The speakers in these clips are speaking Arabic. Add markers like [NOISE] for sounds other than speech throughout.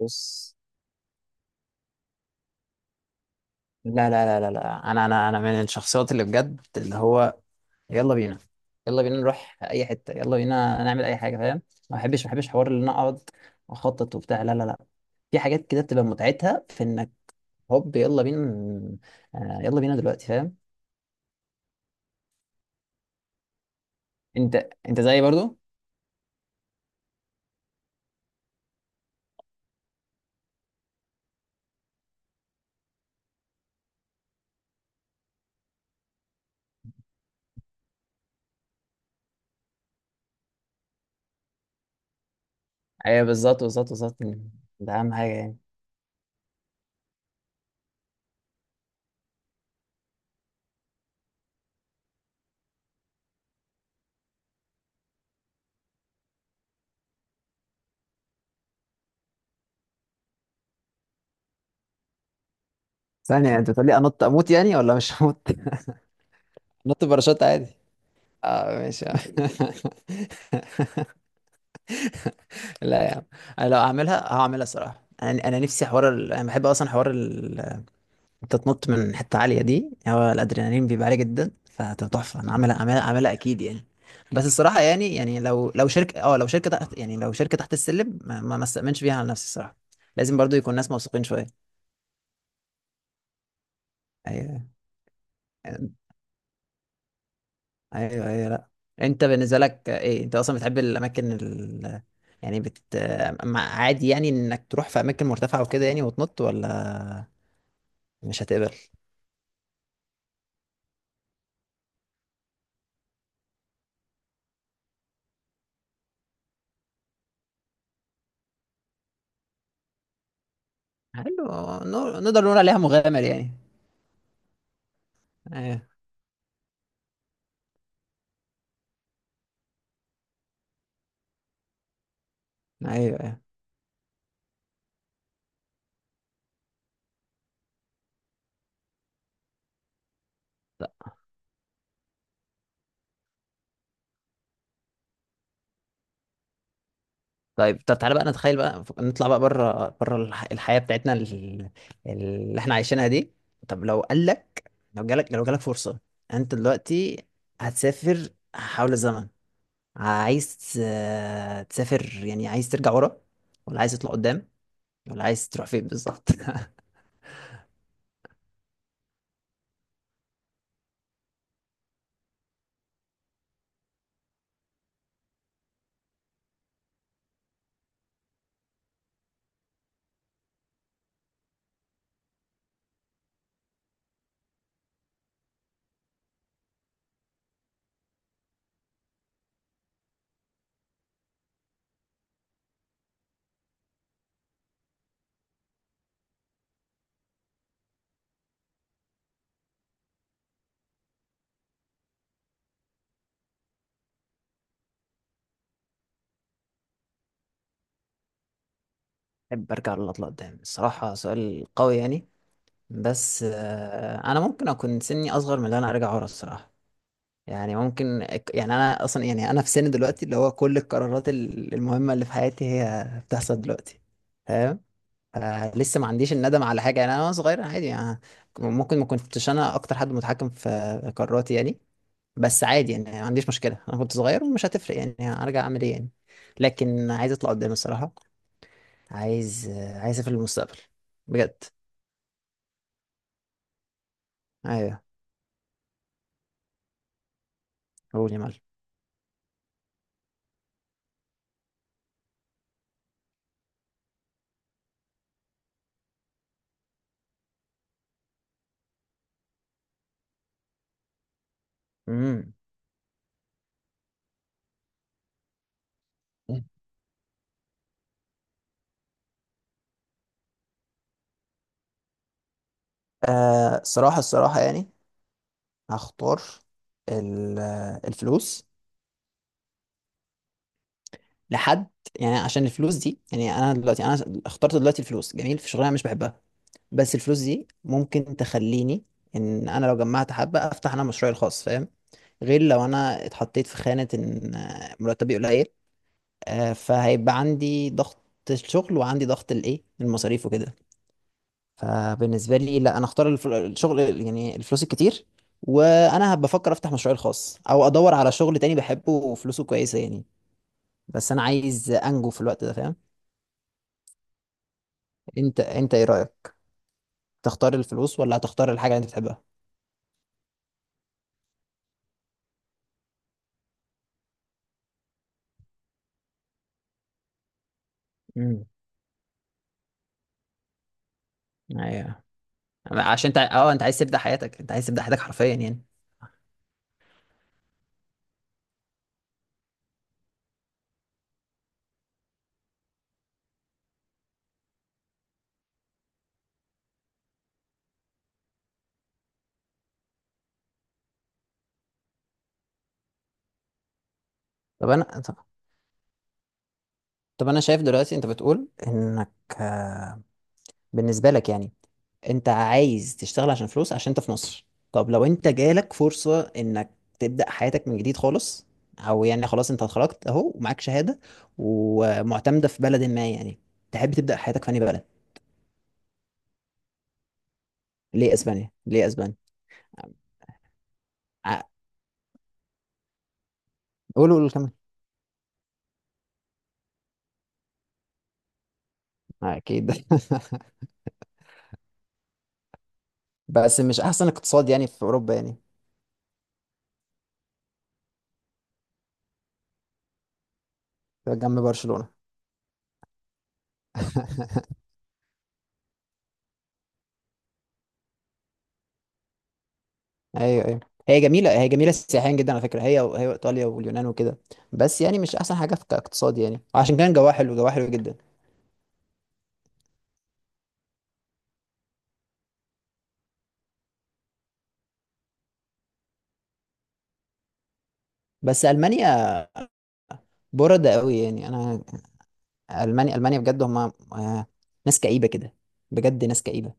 بص، لا لا لا لا لا، انا من الشخصيات اللي بجد اللي هو يلا بينا، يلا بينا نروح اي حته، يلا بينا نعمل اي حاجه، فاهم؟ ما بحبش حوار ان انا اقعد واخطط وبتاع، لا لا لا. في حاجات كده بتبقى متعتها في انك هوب يلا بينا يلا بينا دلوقتي، فاهم؟ انت انت زيي برضو. ايوه بالظبط بالظبط بالظبط، ده اهم حاجه يعني. ثانية، انت بتقول لي انط اموت يعني ولا مش هموت؟ [LAUGHS] انط باراشوت عادي. اه ماشي. [LAUGHS] لا يا عم، انا لو هعملها هعملها الصراحه. انا انا نفسي حوار ال... انا بحب اصلا حوار ال... انت تنط من حته عاليه، دي هو الادرينالين بيبقى عالي جدا فتبقى تحفه، انا عاملها عاملها عاملها اكيد يعني. بس الصراحه يعني، يعني لو شركه، اه لو شركه تحت، يعني لو شركه تحت السلم ما استأمنش فيها على نفسي الصراحه. لازم برضو يكون ناس موثوقين شويه. ايوه ايوه ايوه، لا. انت بالنسبه لك ايه، انت اصلا بتحب الاماكن ال... يعني بت عادي يعني انك تروح في اماكن مرتفعه وكده، يعني وتنط ولا مش هتقبل؟ حلو. نقدر نقول عليها مغامر يعني. ايوه ايوه ايوه. ط- طيب، طب تعالى بقى نتخيل بقى نطلع بقى بره بره الحياة بتاعتنا اللي احنا عايشينها دي. طب لو قال لك، لو جالك فرصة انت دلوقتي هتسافر حول الزمن، عايز تسافر يعني، عايز ترجع ورا ولا عايز تطلع قدام، ولا عايز تروح فين بالظبط؟ [LAUGHS] احب ارجع ولا اطلع قدام؟ الصراحة سؤال قوي يعني. بس انا ممكن اكون سني اصغر من اللي انا ارجع ورا الصراحة. يعني ممكن. يعني انا اصلا يعني انا في سن دلوقتي اللي هو كل القرارات المهمه اللي في حياتي هي بتحصل دلوقتي، فاهم؟ لسه ما عنديش الندم على حاجه يعني. انا وأنا صغير عادي يعني، ممكن ما كنتش انا اكتر حد متحكم في قراراتي يعني. بس عادي يعني، ما عنديش مشكله، انا كنت صغير ومش هتفرق يعني هرجع اعمل ايه يعني. لكن عايز اطلع قدام الصراحه، عايز عايز اسافر المستقبل بجد. ايوه. قول يا معلم. امم. آه صراحه، الصراحه يعني هختار ال- الفلوس لحد. يعني عشان الفلوس دي يعني، انا دلوقتي انا اخترت دلوقتي الفلوس، جميل، في شغلانه أنا مش بحبها، بس الفلوس دي ممكن تخليني ان انا لو جمعت حبه افتح انا مشروعي الخاص، فاهم؟ غير لو انا اتحطيت في خانه ان مرتبي قليل، فهيبقى عندي ضغط الشغل وعندي ضغط الايه المصاريف وكده. فبالنسبه لي لا، انا اختار الشغل، يعني الفلوس الكتير، وانا هبقى افكر افتح مشروعي الخاص او ادور على شغل تاني بحبه وفلوسه كويسه يعني. بس انا عايز انجو في الوقت ده، فاهم؟ انت انت ايه رايك، تختار الفلوس ولا هتختار الحاجه اللي انت بتحبها؟ امم. ايوه، عشان انت اه انت عايز تبدا حياتك، انت عايز تبدا حياتك حرفيا يعني. طب انا، طب انا شايف دلوقتي انت بتقول انك آه، بالنسبه لك يعني انت عايز تشتغل عشان فلوس عشان انت في مصر. طب لو انت جالك فرصة انك تبدأ حياتك من جديد خالص، او يعني خلاص انت اتخرجت اهو ومعاك شهادة ومعتمدة في بلد ما يعني، تحب تبدأ حياتك في انهي بلد؟ ليه اسبانيا؟ ليه اسبانيا؟ ع- قولوا قولوا كمان. اكيد. [LAUGHS] بس مش احسن اقتصاد يعني في اوروبا يعني جنب برشلونة؟ [LAUGHS] ايوه ايوه، هي جميله، هي جميله سياحيا جدا على فكره، هي هي ايطاليا واليونان وكده. بس يعني مش احسن حاجه في كاقتصاد يعني، عشان كان جواها حلو، جواها حلو جدا. بس المانيا برده قوي يعني، انا المانيا المانيا بجد هم آه، ناس كئيبه كده، بجد ناس كئيبه.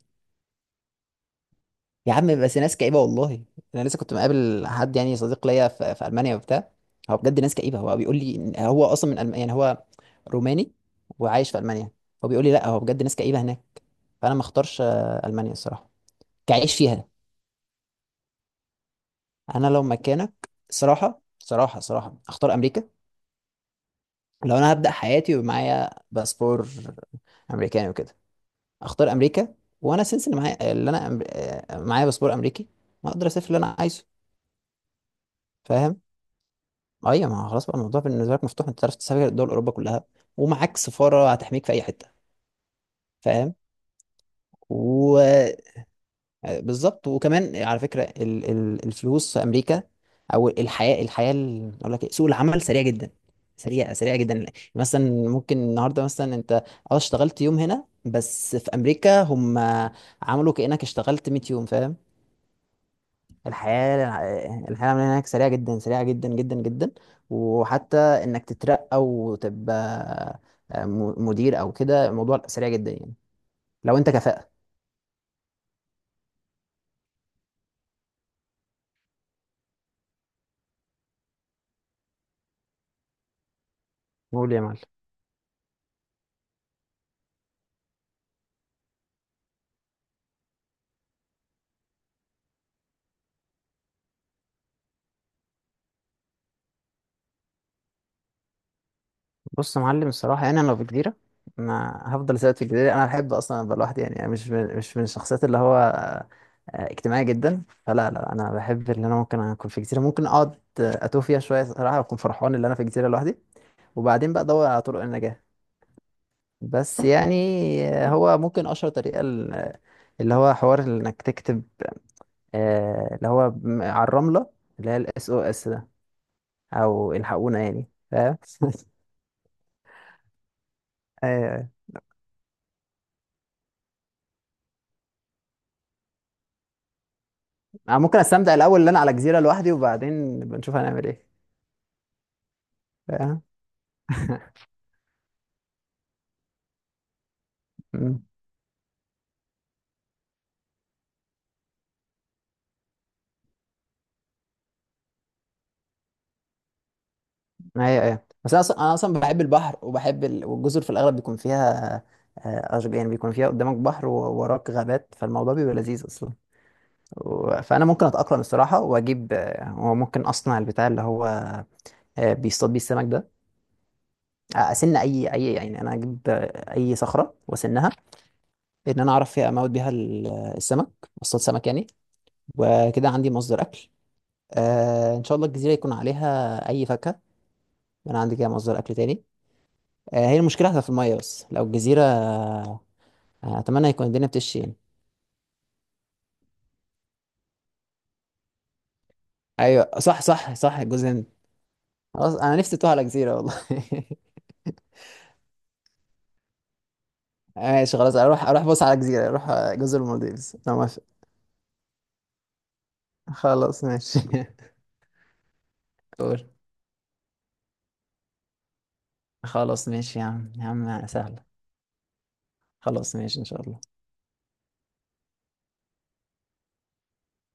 يا عم بس ناس كئيبه والله. انا لسه كنت مقابل حد يعني صديق ليا في, في المانيا وبتاع، هو بجد ناس كئيبه. هو بيقول لي إن هو اصلا من ألم... يعني هو روماني وعايش في المانيا. هو بيقول لي لا، هو بجد ناس كئيبه هناك. فانا ما اختارش المانيا الصراحه كعيش فيها. انا لو مكانك صراحه صراحه صراحه اختار امريكا. لو انا هبدا حياتي ومعايا باسبور امريكاني وكده، اختار امريكا. وانا سنس اللي معايا اللي انا معايا باسبور امريكي، ما اقدر اسافر اللي انا عايزه، فاهم؟ ايوه، ما هو خلاص بقى الموضوع بالنسبه لك مفتوح، انت تعرف تسافر دول اوروبا كلها ومعاك سفاره هتحميك في اي حته، فاهم؟ وبالظبط. وكمان على فكره ال... ال... الفلوس في امريكا، او الحياه، الحياه ال... اقول لك إيه، سوق العمل سريع جدا، سريع سريع جدا. مثلا ممكن النهارده مثلا انت اه اشتغلت يوم هنا، بس في امريكا هم عملوا كانك اشتغلت 100 يوم، فاهم؟ الحياة، الحياة من هناك سريعة جدا، سريعة جدا جدا جدا. وحتى انك تترقى وتبقى مدير او كده، الموضوع سريع جدا يعني، لو انت كفاءة. قول يا معلم. بص يا معلم، الصراحة يعني انا لو في جزيرة، انا هفضل ثابت في الجزيرة. انا احب اصلا ابقى لوحدي يعني، أنا مش من، مش من الشخصيات اللي هو اجتماعي جدا. فلا لا، انا بحب ان انا ممكن اكون في جزيرة، ممكن اقعد اتوه فيها شوية صراحة واكون فرحان ان انا في جزيرة لوحدي. وبعدين بقى ادور على طرق النجاة. بس يعني هو ممكن اشهر طريقه ال... اللي هو حوار انك تكتب اللي هو على الرمله، اللي هي الاس او اس ده، او الحقونا يعني، فاهم؟ [LAUGHS] آه، انا ممكن استمتع الاول اللي انا على جزيره لوحدي وبعدين بنشوف هنعمل ايه، فاهم؟ [LAUGHS] مم. ايوه ايوه، بس انا اصلا، انا اصلا بحب البحر وبحب ال... والجزر في الاغلب بيكون فيها يعني بيكون فيها قدامك بحر ووراك غابات، فالموضوع بيبقى لذيذ اصلا. و- فانا ممكن اتاقلم الصراحه واجيب وممكن اصنع البتاع اللي هو بيصطاد بيه السمك ده، اسن اي اي، يعني انا اجيب اي صخره واسنها ان انا اعرف فيها اموت بيها ال... السمك، اصطاد سمك يعني، وكده عندي مصدر اكل. ان شاء الله الجزيره يكون عليها اي فاكهه، انا عندي كده مصدر اكل تاني. هي المشكله هتبقى في الميه، بس لو الجزيره اتمنى يكون الدنيا بتشي يعني. ايوه صح صح صح الجزء ده. خلاص انا نفسي اتوه على جزيره والله. [LAUGHS] ماشي خلاص، اروح اروح بص على جزيرة، اروح جزر المالديفز، انا موافق. خلاص ماشي. [LAUGHS] قول. خلاص ماشي يا عم، يا عم سهلة. خلاص ماشي ان شاء الله.